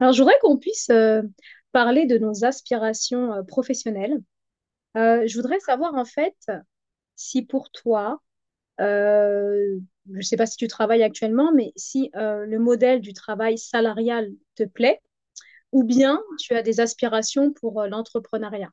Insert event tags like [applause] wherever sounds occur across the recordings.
Alors, je voudrais qu'on puisse parler de nos aspirations professionnelles. Je voudrais savoir en fait si pour toi, euh, je ne sais pas si tu travailles actuellement, mais si le modèle du travail salarial te plaît ou bien tu as des aspirations pour l'entrepreneuriat.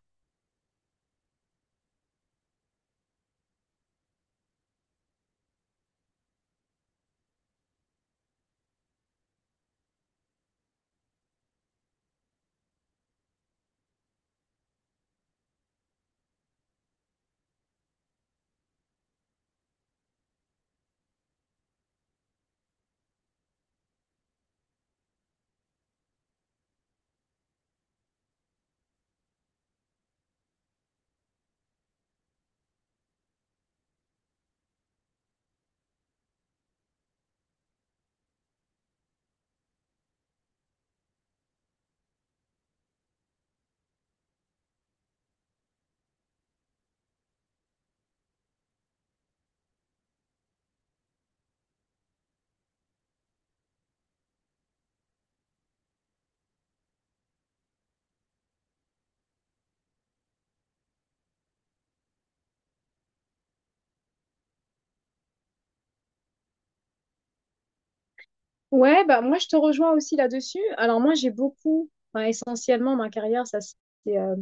Ouais, bah moi je te rejoins aussi là-dessus. Alors moi j'ai beaucoup, enfin, essentiellement ma carrière, ça s'est euh,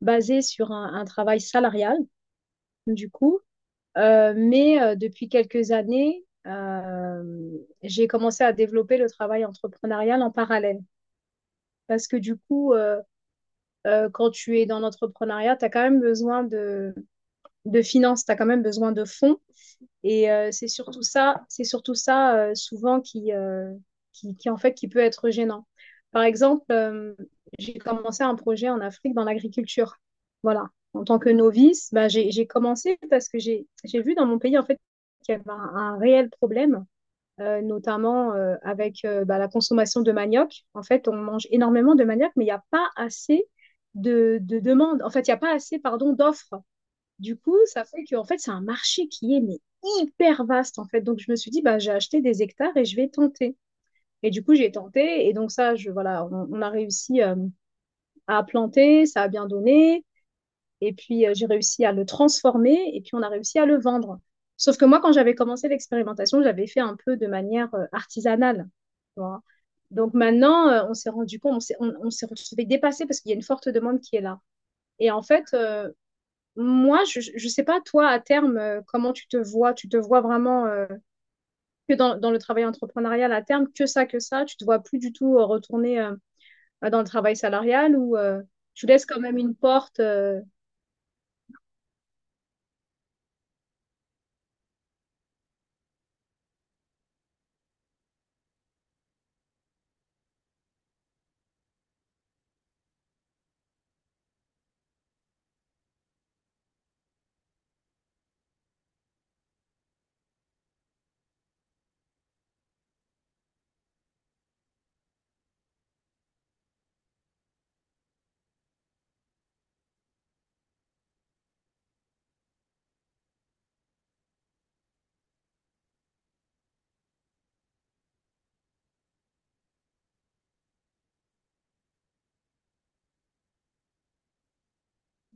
basé sur un travail salarial du coup. Mais depuis quelques années, j'ai commencé à développer le travail entrepreneurial en parallèle. Parce que du coup, quand tu es dans l'entrepreneuriat, tu as quand même besoin de finances, tu as quand même besoin de fonds. Et c'est surtout ça souvent qui, en fait, qui peut être gênant. Par exemple, j'ai commencé un projet en Afrique dans l'agriculture. Voilà. En tant que novice, bah, j'ai commencé parce que j'ai vu dans mon pays en fait qu'il y avait un réel problème, notamment avec bah, la consommation de manioc. En fait, on mange énormément de manioc, mais il n'y a pas assez de demandes. En fait, il n'y a pas assez, pardon, d'offres. Du coup, ça fait que en fait, c'est un marché qui est mais, hyper vaste en fait. Donc je me suis dit bah j'ai acheté des hectares et je vais tenter. Et du coup, j'ai tenté et donc ça je voilà, on a réussi à planter, ça a bien donné et puis j'ai réussi à le transformer et puis on a réussi à le vendre. Sauf que moi quand j'avais commencé l'expérimentation, j'avais fait un peu de manière artisanale. Tu vois. Donc maintenant, on s'est rendu compte, on s'est retrouvé dépassé parce qu'il y a une forte demande qui est là. Et en fait, moi, je ne sais pas, toi, à terme, comment tu te vois? Tu te vois vraiment que dans, dans le travail entrepreneurial à terme, que ça, que ça? Tu te vois plus du tout retourner bah, dans le travail salarial ou tu laisses quand même une porte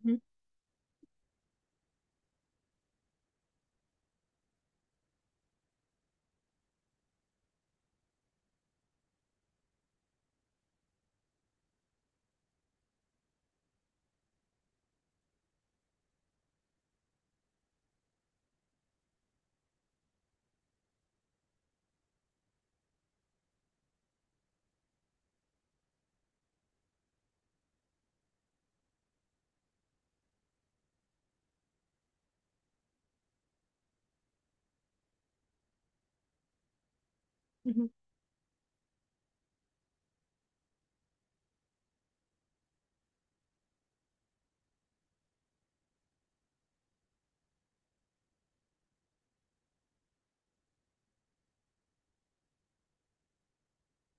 mhm, mhm.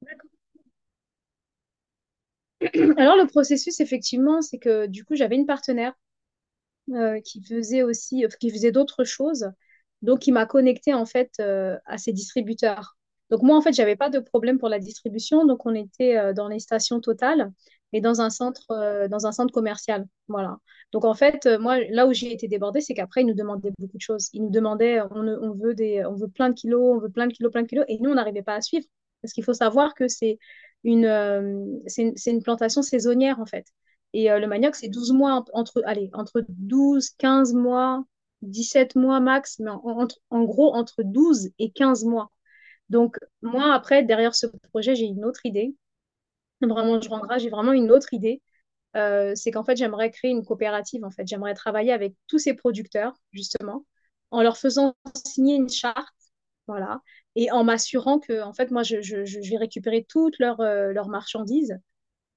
D'accord. Alors, le processus, effectivement, c'est que du coup, j'avais une partenaire. Qui faisait aussi, qui faisait d'autres choses. Donc, il m'a connectée en fait à ces distributeurs. Donc, moi, en fait, j'avais pas de problème pour la distribution. Donc, on était dans les stations Total et dans un centre commercial. Voilà. Donc, en fait, moi, là où j'ai été débordée, c'est qu'après, ils nous demandaient beaucoup de choses. Ils nous demandaient, on veut des, on veut plein de kilos, on veut plein de kilos, plein de kilos. Et nous, on n'arrivait pas à suivre. Parce qu'il faut savoir que c'est une, euh, c'est une plantation saisonnière, en fait. Et le manioc, c'est 12 mois, entre, allez, entre 12, 15 mois, 17 mois max, mais en gros, entre 12 et 15 mois. Donc, moi, après, derrière ce projet, j'ai une autre idée. Vraiment, je rendrai, j'ai vraiment une autre idée. C'est qu'en fait, j'aimerais créer une coopérative, en fait. J'aimerais travailler avec tous ces producteurs, justement, en leur faisant signer une charte, voilà, et en m'assurant que, en fait, moi, je vais récupérer toutes leurs leurs marchandises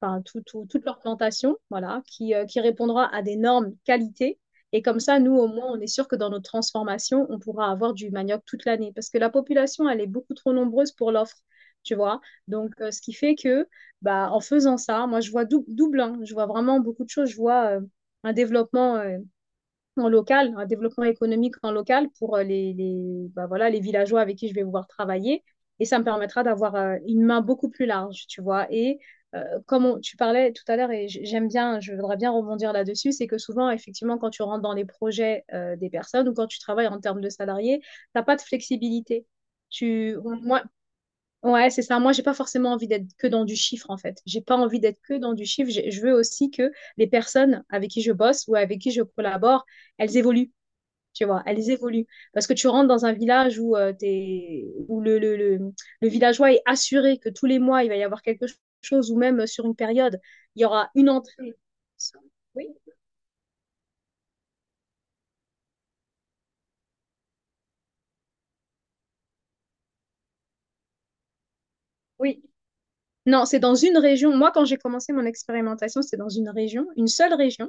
enfin, toute leur plantation, voilà, qui répondra à des normes qualité. Et comme ça, nous, au moins, on est sûr que dans notre transformation, on pourra avoir du manioc toute l'année. Parce que la population, elle est beaucoup trop nombreuse pour l'offre, tu vois. Donc, ce qui fait que, bah, en faisant ça, moi, double, hein. Je vois vraiment beaucoup de choses. Je vois un développement. En local, un développement économique en local pour bah, voilà, les villageois avec qui je vais pouvoir travailler. Et ça me permettra d'avoir une main beaucoup plus large, tu vois. Et tu parlais tout à l'heure, et j'aime bien, je voudrais bien rebondir là-dessus, c'est que souvent, effectivement, quand tu rentres dans les projets des personnes ou quand tu travailles en termes de salariés tu n'as pas de flexibilité. Tu, moi, ouais, c'est ça. Moi, j'ai pas forcément envie d'être que dans du chiffre, en fait. J'ai pas envie d'être que dans du chiffre. Je veux aussi que les personnes avec qui je bosse ou avec qui je collabore, elles évoluent. Tu vois, elles évoluent. Parce que tu rentres dans un village où, t'es, où le villageois est assuré que tous les mois, il va y avoir quelque chose, ou même sur une période, il y aura une entrée. Oui, oui. Non, c'est dans une région. Moi, quand j'ai commencé mon expérimentation, c'était dans une région, une seule région.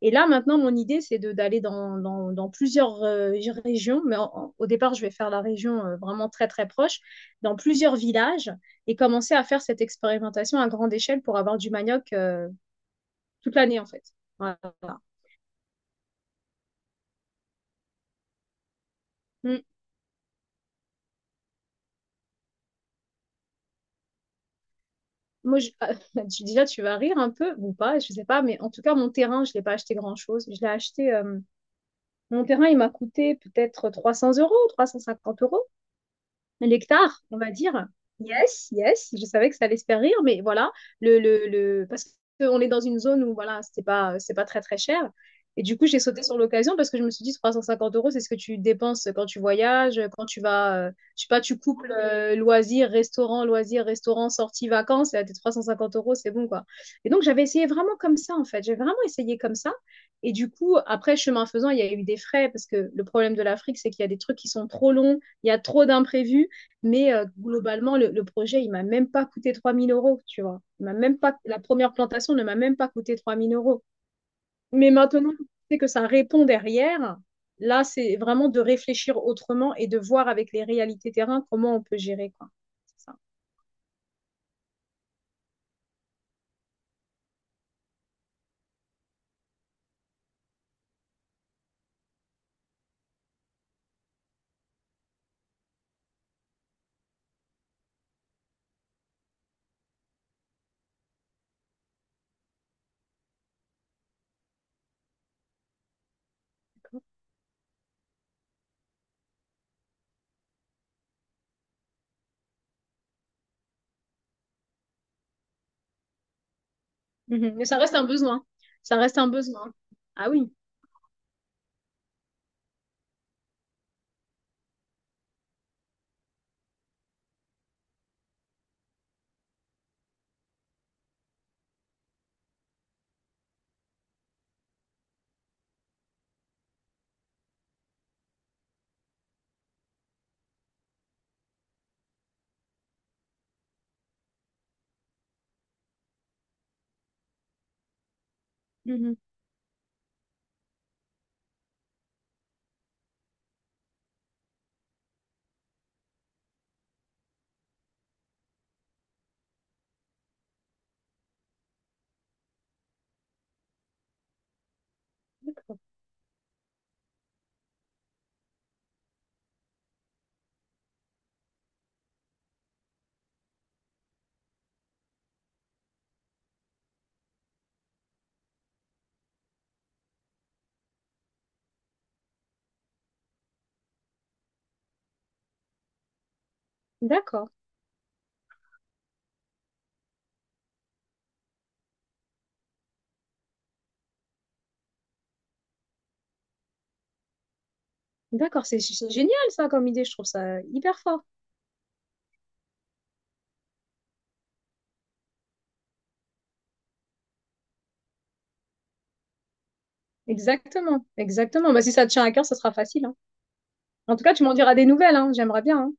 Et là, maintenant, mon idée, c'est d'aller dans, dans plusieurs régions, mais au départ, je vais faire la région vraiment très, très proche, dans plusieurs villages, et commencer à faire cette expérimentation à grande échelle pour avoir du manioc toute l'année, en fait. Voilà. Mm. Moi, je- [laughs] tu- déjà, tu vas rire un peu, ou pas, je sais pas, mais en tout cas, mon terrain, je l'ai pas acheté grand-chose. Je l'ai acheté, mon terrain, il m'a coûté peut-être 300 euros, 350 euros. Nectar, on va dire. Yes, yes, je savais que ça allait se faire rire, mais voilà, le... parce qu'on est dans une zone où voilà, c'était pas, c'est pas très très cher. Et du coup, j'ai sauté sur l'occasion parce que je me suis dit 350 euros, c'est ce que tu dépenses quand tu voyages, quand tu vas, je sais pas, tu couples loisirs, restaurant, sortie, vacances, et à tes 350 euros, c'est bon quoi. Et donc, j'avais essayé vraiment comme ça en fait, j'ai vraiment essayé comme ça. Et du coup, après, chemin faisant, il y a eu des frais parce que le problème de l'Afrique, c'est qu'il y a des trucs qui sont trop longs, il y a trop d'imprévus. Mais globalement, le projet, il m'a même pas coûté 3000 euros, tu vois. Il m'a même pas, la première plantation ne m'a même pas coûté 3000 euros. Mais maintenant, c'est que ça répond derrière. Là, c'est vraiment de réfléchir autrement et de voir avec les réalités terrain comment on peut gérer, quoi. C'est ça. Mhm. Mais ça reste un besoin. Ça reste un besoin. Ah oui. Mhm. D'accord. D'accord. D'accord. C'est génial, ça, comme idée. Je trouve ça hyper fort. Exactement. Exactement. Bah, si ça te tient à cœur, ça sera facile. Hein. En tout cas, tu m'en diras des nouvelles. Hein. J'aimerais bien. Hein.